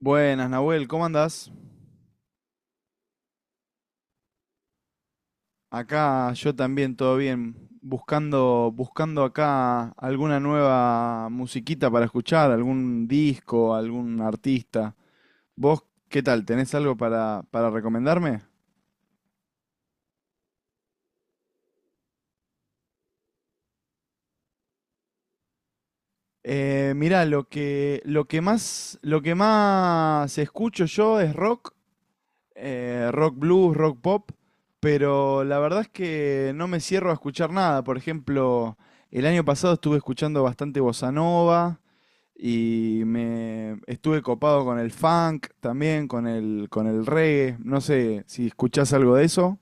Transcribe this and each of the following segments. Buenas, Nahuel, ¿cómo andás? Acá yo también, todo bien. Buscando acá alguna nueva musiquita para escuchar, algún disco, algún artista. ¿Vos qué tal? ¿Tenés algo para recomendarme? Mirá, lo que más escucho yo es rock, rock blues, rock pop, pero la verdad es que no me cierro a escuchar nada. Por ejemplo, el año pasado estuve escuchando bastante bossa nova. Y me estuve copado con el funk también, con el reggae. No sé si escuchás algo de eso.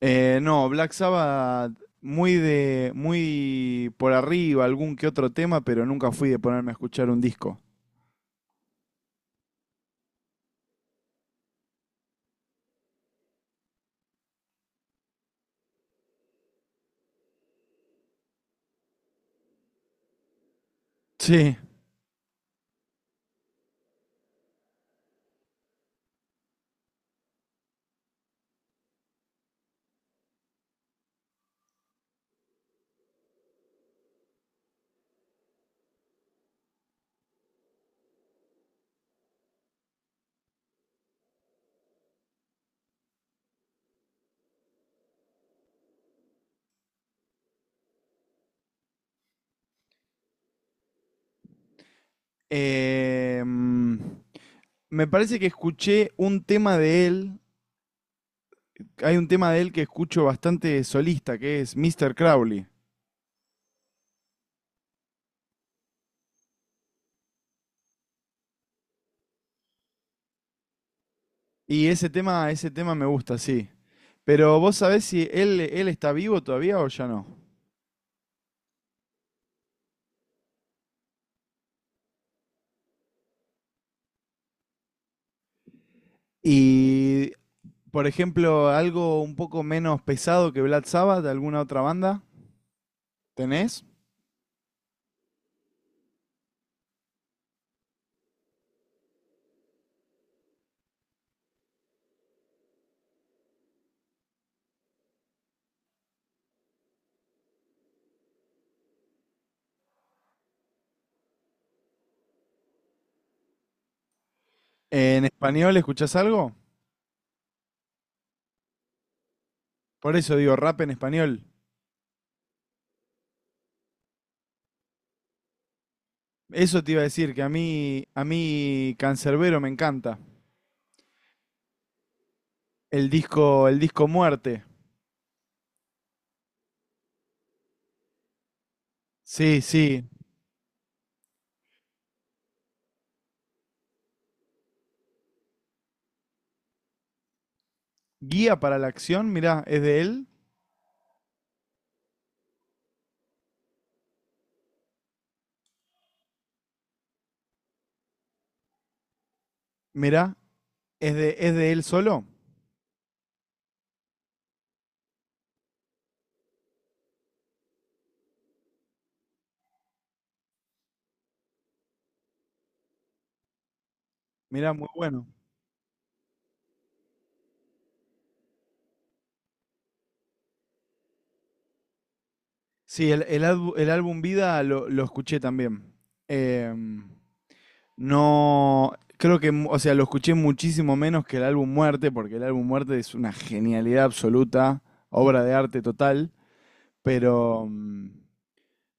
No, Black Sabbath muy por arriba, algún que otro tema, pero nunca fui de ponerme a escuchar un disco. Sí. Eh, mm, Me parece que escuché un tema de él. Hay un tema de él que escucho bastante solista, que es Mister Crowley. Y ese tema me gusta, sí. Pero vos sabés si él está vivo todavía o ya no. Y, por ejemplo, algo un poco menos pesado que Black Sabbath, de alguna otra banda, ¿tenés? ¿En español escuchás algo? Por eso digo rap en español. Eso te iba a decir, que a mí Cancerbero me encanta. El disco Muerte. Sí, sí. Guía para la Acción, mirá, es de él. Mirá, es de él solo? Mirá, muy bueno. Sí, el álbum Vida lo escuché también. Em, no, creo que, o sea, lo escuché muchísimo menos que el álbum Muerte, porque el álbum Muerte es una genialidad absoluta, obra de arte total, pero, mm,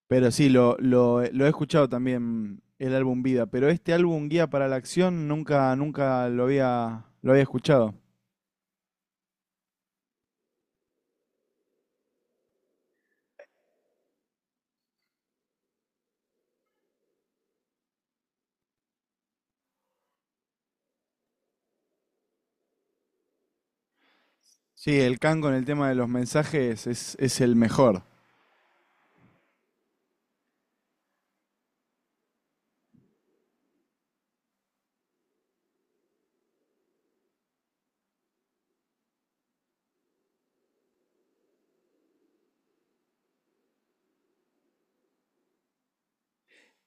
pero sí, lo he escuchado también el álbum Vida, pero este álbum Guía para la Acción nunca, nunca lo había, lo había escuchado. Sí, el Can con el tema de los mensajes es el mejor.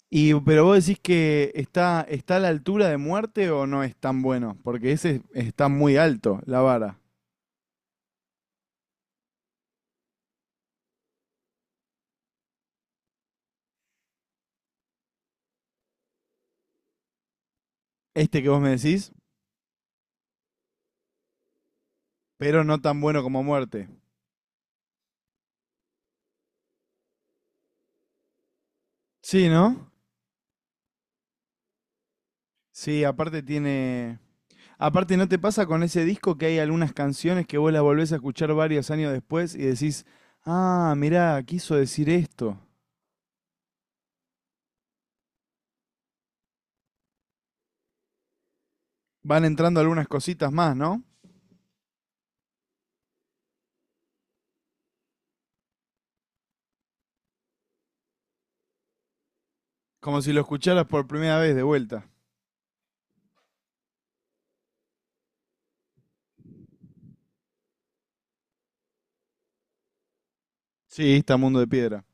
Pero vos decís que está a la altura de Muerte o no es tan bueno, porque ese está muy alto, la vara. Este que vos me decís, pero no tan bueno como Muerte. Sí, ¿no? Sí, aparte tiene. Aparte, ¿no te pasa con ese disco que hay algunas canciones que vos las volvés a escuchar varios años después y decís, ah, mirá, quiso decir esto? Van entrando algunas cositas más, ¿no? Como si lo escucharas por primera vez de vuelta. Sí, está Mundo de Piedra.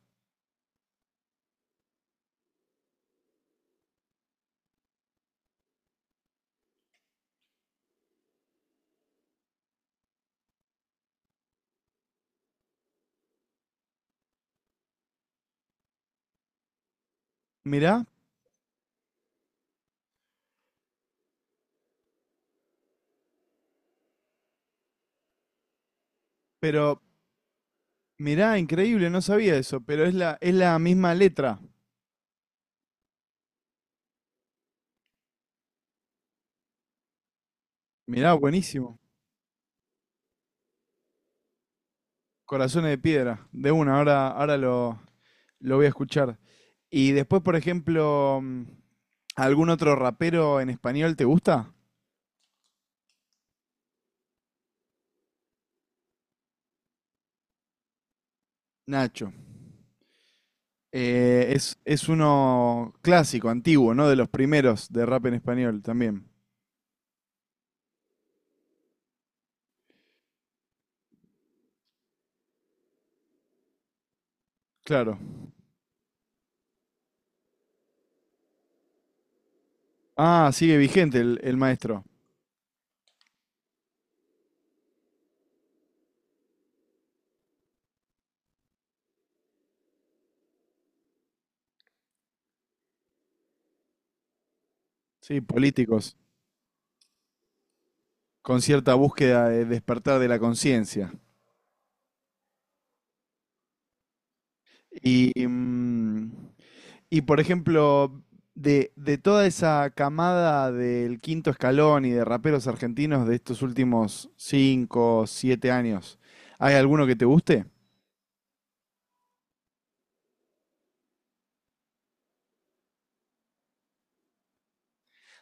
Mirá, pero Mirá, increíble, no sabía eso, pero es la misma letra. Mirá, buenísimo. Corazones de Piedra, de una, ahora lo voy a escuchar. Y después, por ejemplo, ¿algún otro rapero en español te gusta? Nacho. Es uno clásico, antiguo, ¿no? De los primeros de rap en español también. Claro. Ah, sigue vigente el maestro. Sí, políticos, con cierta búsqueda de despertar de la conciencia. Y mm, Y por ejemplo, de toda esa camada del Quinto Escalón y de raperos argentinos de estos últimos 5 7 años, ¿hay alguno que te guste?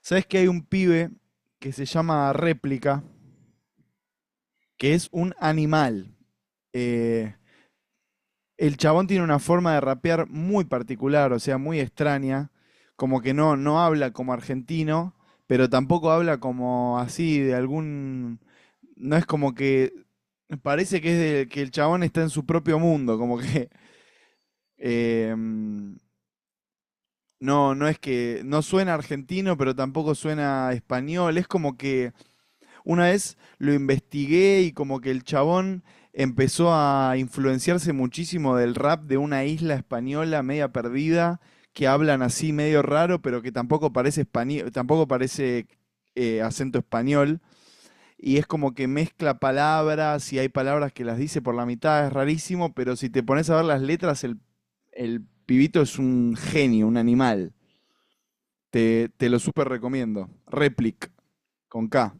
¿Sabes que hay un pibe que se llama Réplica, que es un animal? Eh, El chabón tiene una forma de rapear muy particular, o sea, muy extraña, como que no habla como argentino, pero tampoco habla como así de algún. No es como que. Parece que el chabón está en su propio mundo, como que. eh, mm, no, no es que. No suena argentino, pero tampoco suena español, es como que. Una vez lo investigué y como que el chabón empezó a influenciarse muchísimo del rap de una isla española media perdida, que hablan así medio raro, pero que tampoco parece español, tampoco parece acento español. Y es como que mezcla palabras y hay palabras que las dice por la mitad, es rarísimo, pero si te pones a ver las letras, el pibito es un genio, un animal. Te lo súper recomiendo. Replic, con K.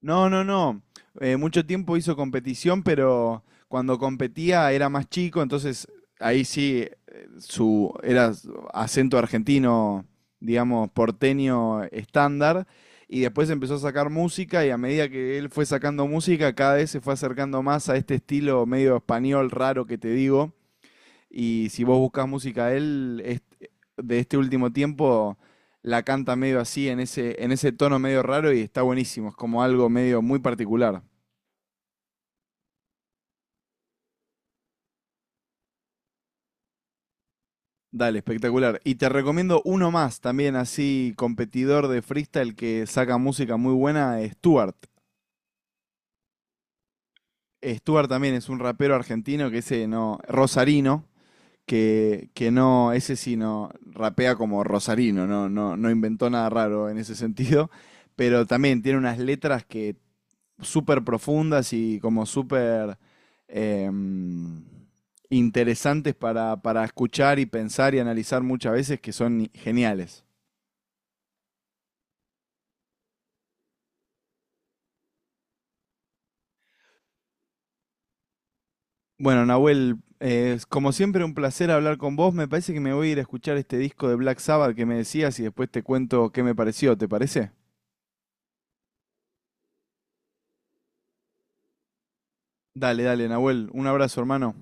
No, no, no. Mucho tiempo hizo competición, pero cuando competía era más chico, entonces ahí sí su era su acento argentino, digamos, porteño estándar. Y después empezó a sacar música y a medida que él fue sacando música, cada vez se fue acercando más a este estilo medio español raro que te digo. Y si vos buscas música de él, de este último tiempo, la canta medio así, en ese tono medio raro y está buenísimo. Es como algo medio muy particular. Dale, espectacular. Y te recomiendo uno más, también así competidor de freestyle que saca música muy buena, Stuart. Stuart también es un rapero argentino que ese no, rosarino, que no, ese sí no rapea como rosarino, no, no, no inventó nada raro en ese sentido, pero también tiene unas letras que súper profundas y como súper em, interesantes para escuchar y pensar y analizar muchas veces que son geniales. Bueno, Nahuel, como siempre un placer hablar con vos. Me parece que me voy a ir a escuchar este disco de Black Sabbath que me decías y después te cuento qué me pareció, ¿te parece? Dale, dale, Nahuel, un abrazo, hermano.